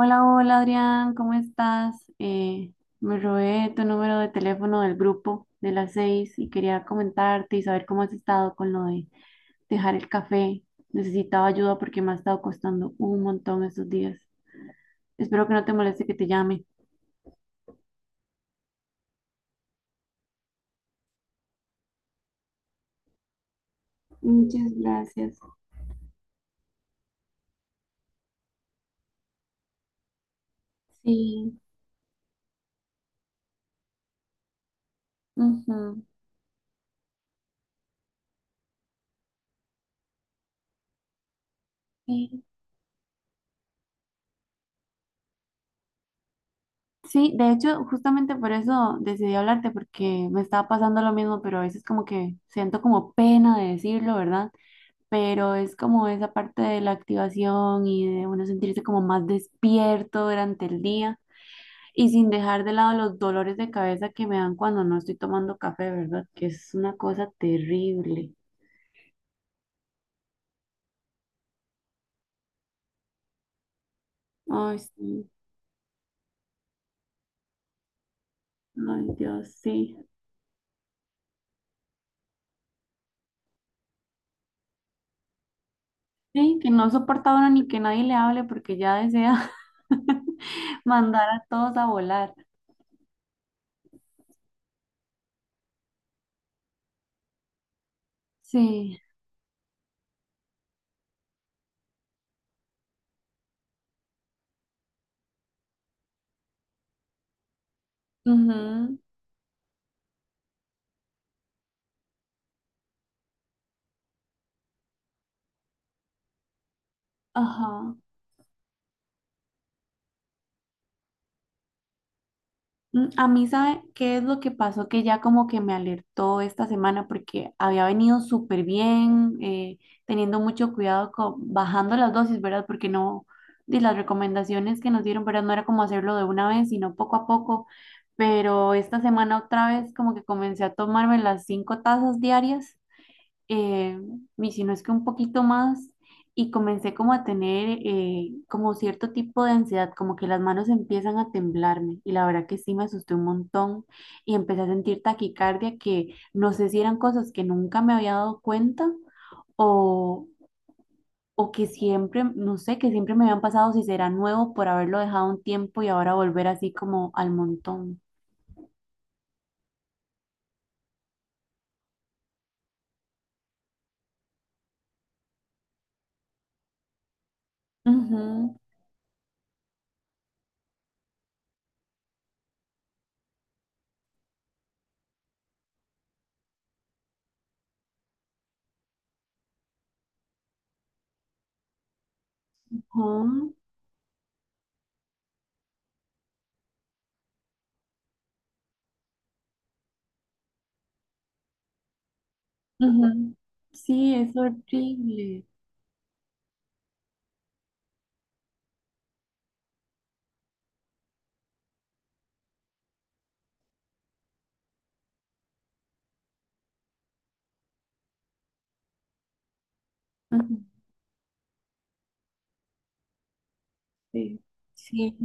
Hola, hola Adrián, ¿cómo estás? Me robé tu número de teléfono del grupo de las seis y quería comentarte y saber cómo has estado con lo de dejar el café. Necesitaba ayuda porque me ha estado costando un montón estos días. Espero que no te moleste que te llame. Muchas gracias. Sí. Ujú. Sí. Sí, de hecho, justamente por eso decidí hablarte porque me estaba pasando lo mismo, pero a veces como que siento como pena de decirlo, ¿verdad? Pero es como esa parte de la activación y de uno sentirse como más despierto durante el día y sin dejar de lado los dolores de cabeza que me dan cuando no estoy tomando café, ¿verdad? Que es una cosa terrible. Ay, sí. Ay, Dios, sí. Sí, que no soporta uno ni que nadie le hable porque ya desea mandar a todos a volar. Sí. Ujú. Ajá. A mí, ¿sabe qué es lo que pasó? Que ya como que me alertó esta semana porque había venido súper bien, teniendo mucho cuidado, bajando las dosis, ¿verdad? Porque no, de las recomendaciones que nos dieron, ¿verdad? No era como hacerlo de una vez, sino poco a poco. Pero esta semana otra vez como que comencé a tomarme las cinco tazas diarias, eh, y si no es que un poquito más, y comencé como a tener, como cierto tipo de ansiedad, como que las manos empiezan a temblarme, y la verdad que sí me asusté un montón, y empecé a sentir taquicardia, que no sé si eran cosas que nunca me había dado cuenta, o, o que siempre, no sé, que siempre me habían pasado, si será nuevo por haberlo dejado un tiempo y ahora volver así como al montón. Ujú. Ujú. Ujú. Sí, es horrible. Ujú. Sí. Sí,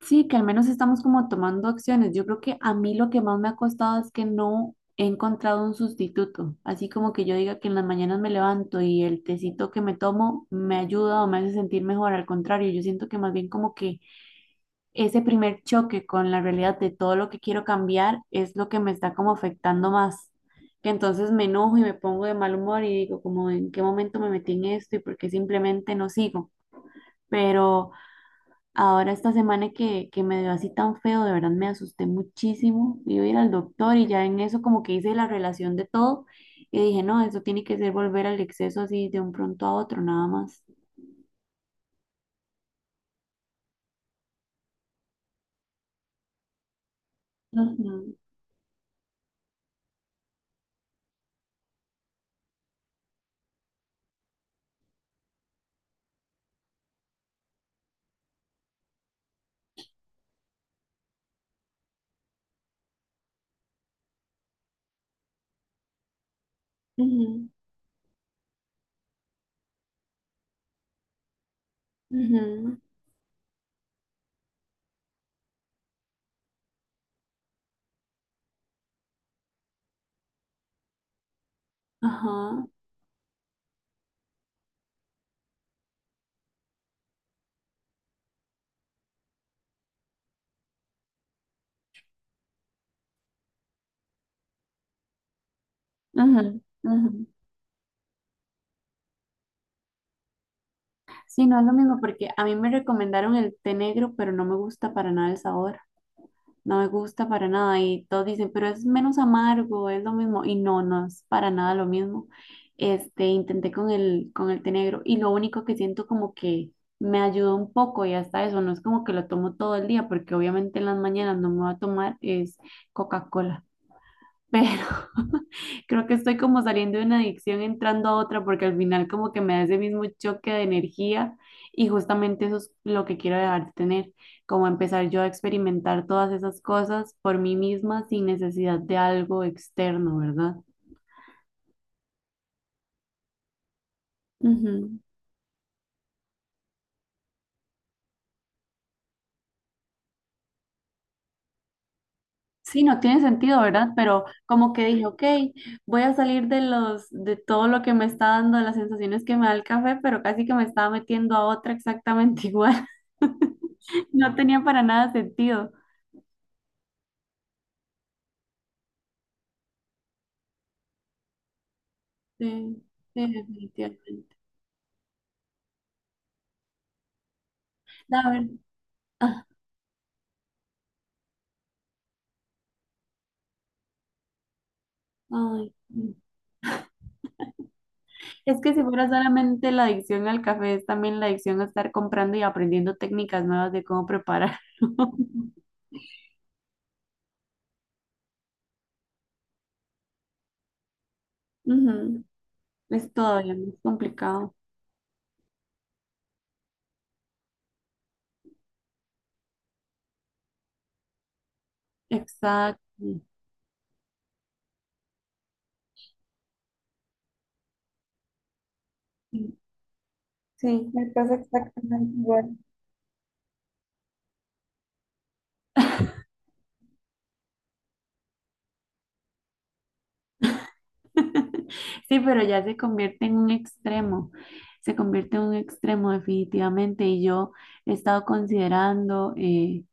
sí, que al menos estamos como tomando acciones. Yo creo que a mí lo que más me ha costado es que no he encontrado un sustituto. Así como que yo diga que en las mañanas me levanto y el tecito que me tomo me ayuda o me hace sentir mejor. Al contrario, yo siento que más bien como que ese primer choque con la realidad de todo lo que quiero cambiar es lo que me está como afectando más. Que entonces me enojo y me pongo de mal humor y digo como en qué momento me metí en esto y por qué simplemente no sigo. Pero. Ahora esta semana que me dio así tan feo, de verdad me asusté muchísimo. Iba a ir al doctor y ya en eso como que hice la relación de todo y dije, no, eso tiene que ser volver al exceso así de un pronto a otro, nada más. Ujú. Ujú. Ujú. Ajá. Ujú. Ujú. Sí, no es lo mismo porque a mí me recomendaron el té negro, pero no me gusta para nada el sabor. No me gusta para nada. Y todos dicen, pero es menos amargo, es lo mismo. Y no, no es para nada lo mismo. Este, intenté con el té negro y lo único que siento como que me ayudó un poco y hasta eso, no es como que lo tomo todo el día, porque obviamente en las mañanas no me va a tomar es Coca-Cola, pero creo que estoy como saliendo de una adicción entrando a otra porque al final como que me da ese mismo choque de energía y justamente eso es lo que quiero dejar de tener, como empezar yo a experimentar todas esas cosas por mí misma sin necesidad de algo externo, ¿verdad? Ujú. Sí, no tiene sentido, ¿verdad? Pero como que dije, ok, voy a salir de los, de todo lo que me está dando, de las sensaciones que me da el café, pero casi que me estaba metiendo a otra exactamente igual. No tenía para nada sentido. Sí, sí, definitivamente. A ver. Ah. Ay. Mm. Es que si fuera solamente la adicción al café, es también la adicción a estar comprando y aprendiendo técnicas nuevas de cómo prepararlo. Ujú. Es todavía más complicado. Exacto. Sí. Sí, me pasa exactamente igual. Sí, pero ya se convierte en un extremo, se convierte en un extremo definitivamente y yo he estado considerando,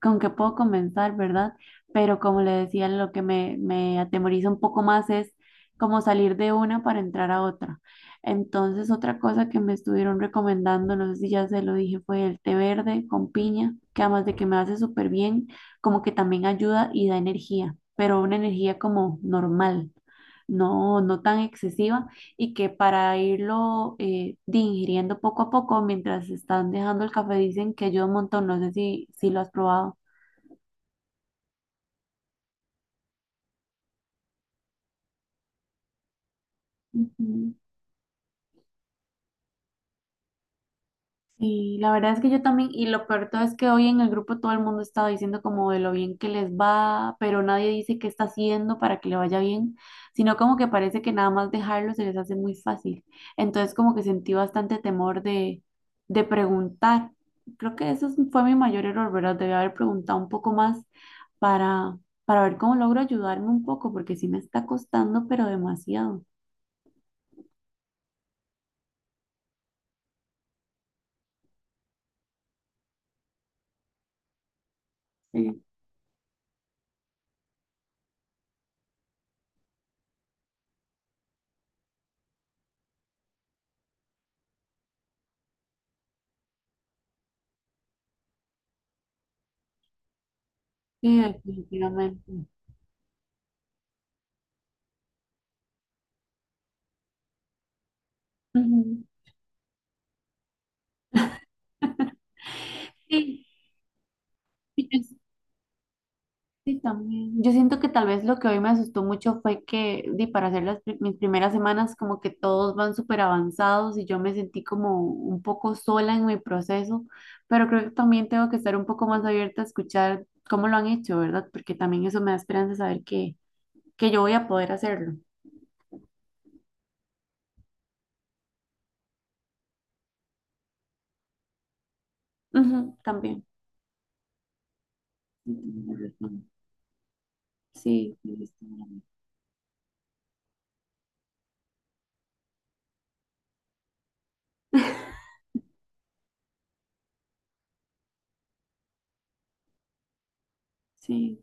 con que puedo comenzar, ¿verdad? Pero como le decía, lo que me atemoriza un poco más es como salir de una para entrar a otra. Entonces, otra cosa que me estuvieron recomendando, no sé si ya se lo dije, fue el té verde con piña, que además de que me hace súper bien, como que también ayuda y da energía, pero una energía como normal, no, no tan excesiva y que para irlo, de ingiriendo poco a poco mientras están dejando el café dicen que ayuda un montón. No sé si lo has probado. Ujú. Sí, la verdad es que yo también, y lo peor de todo es que hoy en el grupo todo el mundo está diciendo como de lo bien que les va, pero nadie dice qué está haciendo para que le vaya bien, sino como que parece que nada más dejarlo se les hace muy fácil. Entonces como que sentí bastante temor de preguntar. Creo que eso fue mi mayor error, ¿verdad? Debí haber preguntado un poco más para, para ver cómo logro ayudarme un poco, porque sí me está costando, pero demasiado. Sí. Sí, definitivamente. Ujú. Sí. Sí, también. Yo siento que tal vez lo que hoy me asustó mucho fue que, para hacer mis primeras semanas, como que todos van súper avanzados y yo me sentí como un poco sola en mi proceso, pero creo que también tengo que estar un poco más abierta a escuchar cómo lo han hecho, ¿verdad? Porque también eso me da esperanza de saber que yo voy a poder hacerlo. Ujú, también. Sí, tienes razón. Sí. Tienes razón. Sí.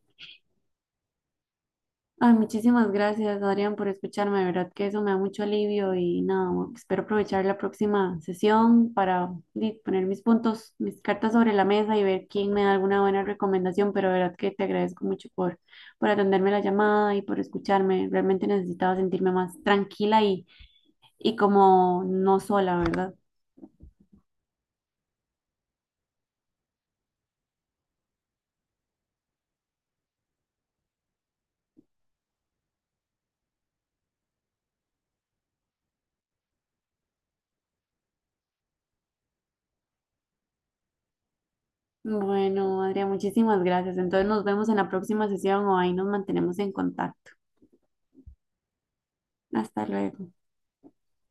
Ay, muchísimas gracias, Adrián, por escucharme. De verdad que eso me da mucho alivio y nada, espero aprovechar la próxima sesión para, poner mis puntos, mis cartas sobre la mesa y ver quién me da alguna buena recomendación. Pero de verdad que te agradezco mucho por atenderme la llamada y por escucharme. Realmente necesitaba sentirme más tranquila y como no sola, ¿verdad? Bueno, Adrián, muchísimas gracias. Entonces nos vemos en la próxima sesión o ahí nos mantenemos en contacto. Hasta luego.